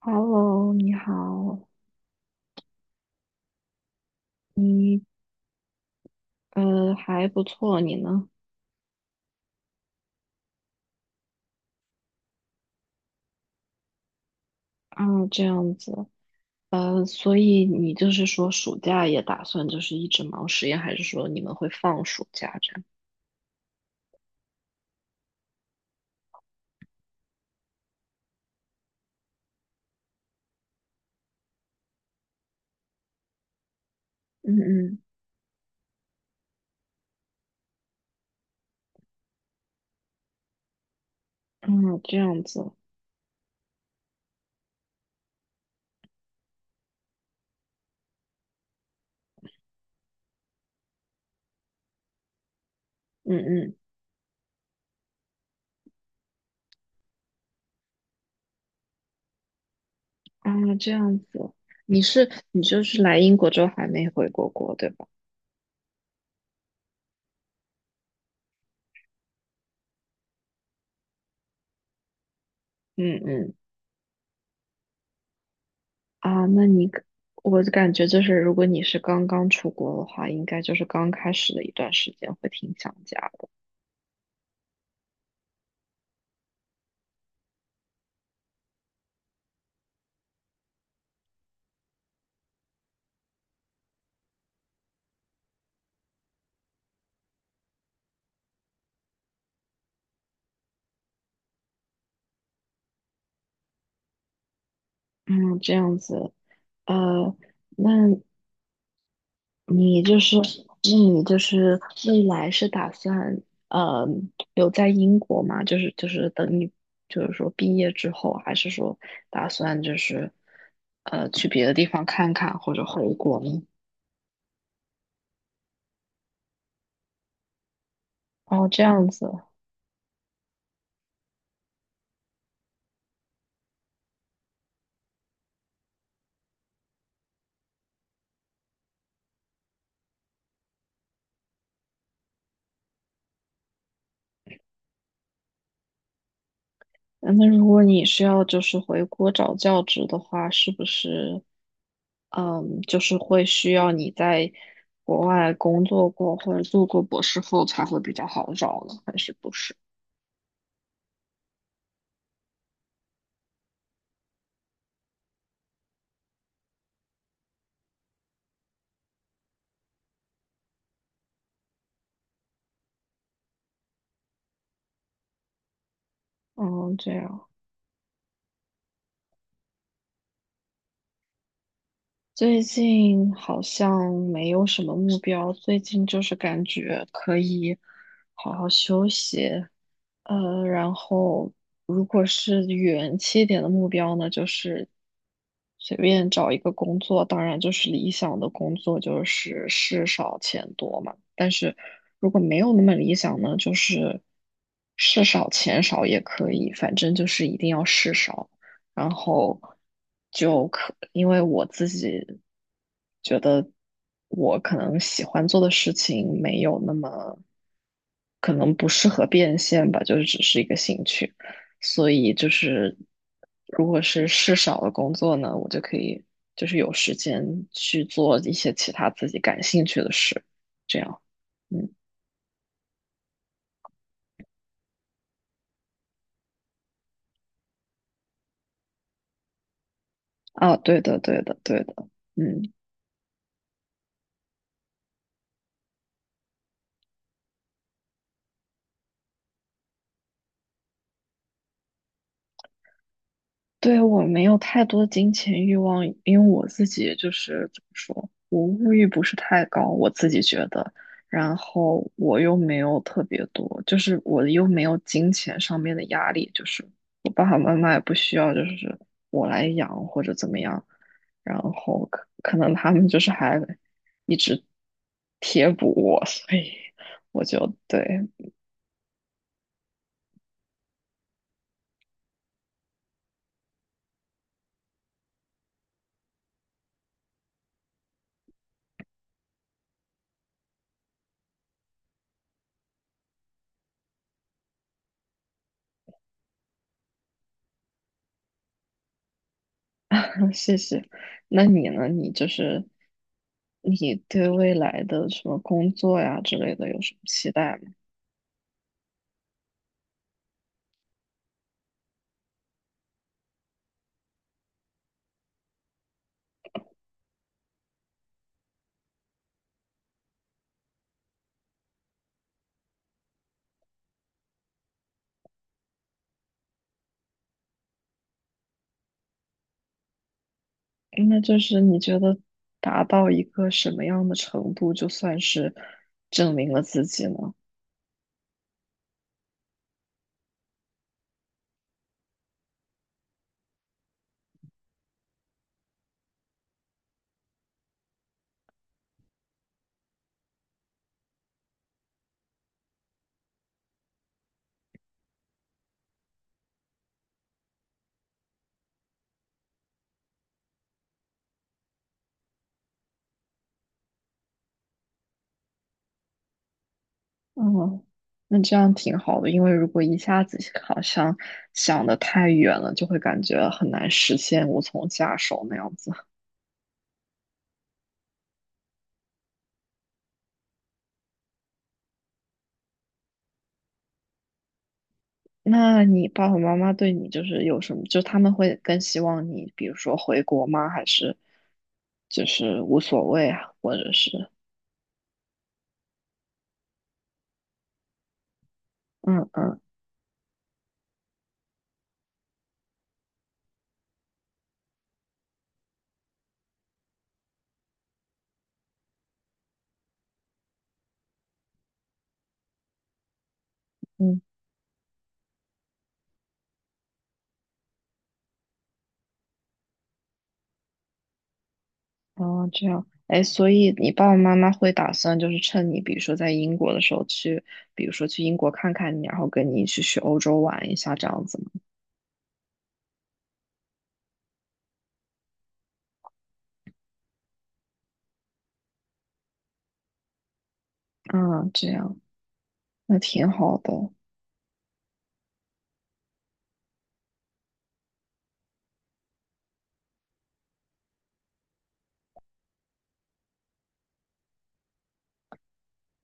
Hello，你好，你还不错，你呢？啊，这样子。所以你就是说暑假也打算就是一直忙实验，还是说你们会放暑假这样？嗯嗯。啊，这样子。嗯嗯。啊，这样子。你就是来英国之后还没回过国，对吧？嗯嗯。啊，那你可我感觉就是如果你是刚刚出国的话，应该就是刚开始的一段时间会挺想家的。嗯，这样子。呃，那那你就是未来是打算呃留在英国吗？就是等你就是说毕业之后，还是说打算就是去别的地方看看或者回国呢？哦，这样子。嗯那如果你是要就是回国找教职的话，是不是就是会需要你在国外工作过或者做过博士后才会比较好找呢？还是不是？哦，这样。最近好像没有什么目标，最近就是感觉可以好好休息。然后如果是远期一点的目标呢，就是随便找一个工作，当然就是理想的工作就是事少钱多嘛。但是如果没有那么理想呢，就是事少钱少也可以，反正就是一定要事少。然后因为我自己觉得我可能喜欢做的事情没有那么，可能不适合变现吧，就是只是一个兴趣，所以就是如果是事少的工作呢，我就可以就是有时间去做一些其他自己感兴趣的事，这样。嗯，啊，对的，对的，对的。嗯。对，我没有太多金钱欲望，因为我自己就是怎么说，我物欲不是太高，我自己觉得。然后我又没有特别多，就是我又没有金钱上面的压力，就是我爸爸妈妈也不需要，就是我来养或者怎么样。然后可能他们就是还一直贴补我，所以我就对。谢谢。那你呢？你就是你对未来的什么工作呀之类的有什么期待吗？那就是你觉得达到一个什么样的程度，就算是证明了自己呢？嗯，那这样挺好的，因为如果一下子好像想的太远了，就会感觉很难实现，无从下手那样子。那你爸爸妈妈对你就是有什么？就他们会更希望你，比如说回国吗？还是就是无所谓啊？或者是嗯嗯嗯？哦，这样。哎，所以你爸爸妈妈会打算就是趁你，比如说在英国的时候去，比如说去英国看看你，然后跟你一起去欧洲玩一下这样子吗？啊，这样。那挺好的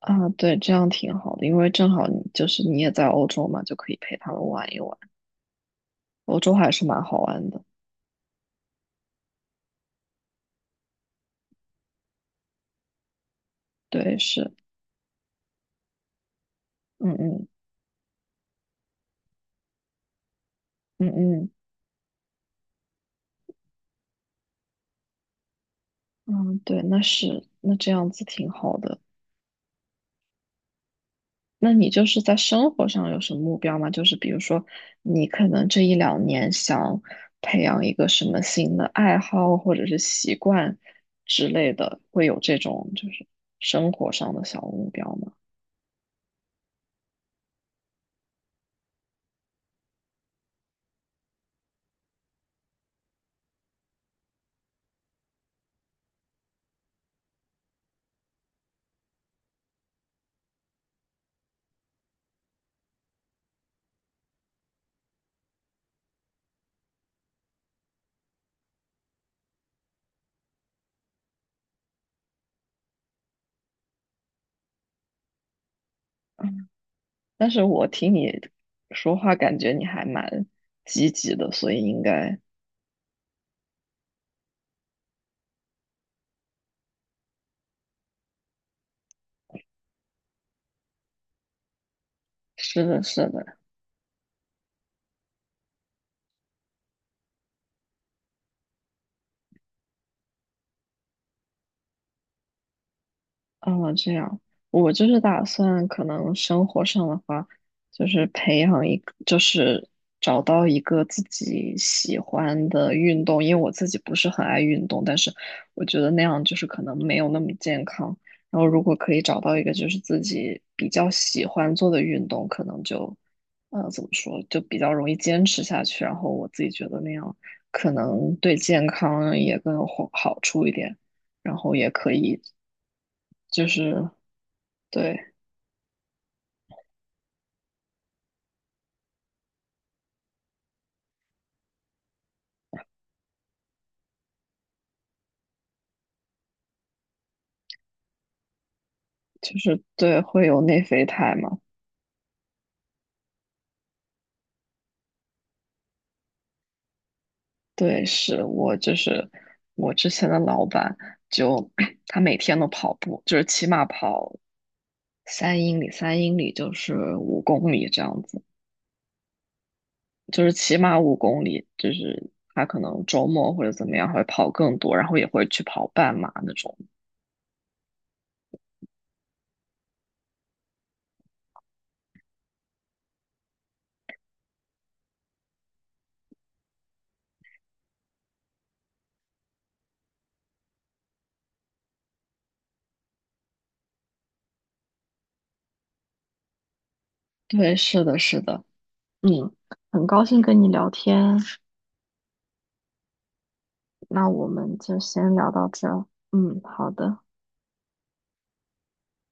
啊。对，这样挺好的，因为正好你就是你也在欧洲嘛，就可以陪他们玩一玩，欧洲还是蛮好玩的。对，是。嗯嗯嗯嗯嗯。对，那这样子挺好的。那你就是在生活上有什么目标吗？就是比如说，你可能这一两年想培养一个什么新的爱好或者是习惯之类的，会有这种就是生活上的小目标吗？但是我听你说话，感觉你还蛮积极的，所以应该是的，是的。哦，这样。我就是打算可能生活上的话，就是培养一个，就是找到一个自己喜欢的运动，因为我自己不是很爱运动，但是我觉得那样就是可能没有那么健康。然后如果可以找到一个就是自己比较喜欢做的运动，可能就，怎么说，就比较容易坚持下去。然后我自己觉得那样可能对健康也更有好处一点。然后也可以就是对，就是对，会有内啡肽嘛？对，是我就是我之前的老板就 他每天都跑步，就是起码跑三英里，三英里就是五公里这样子，就是起码五公里，就是他可能周末或者怎么样会跑更多，然后也会去跑半马那种。对，是的，是的。嗯，很高兴跟你聊天。那我们就先聊到这儿。嗯，好的。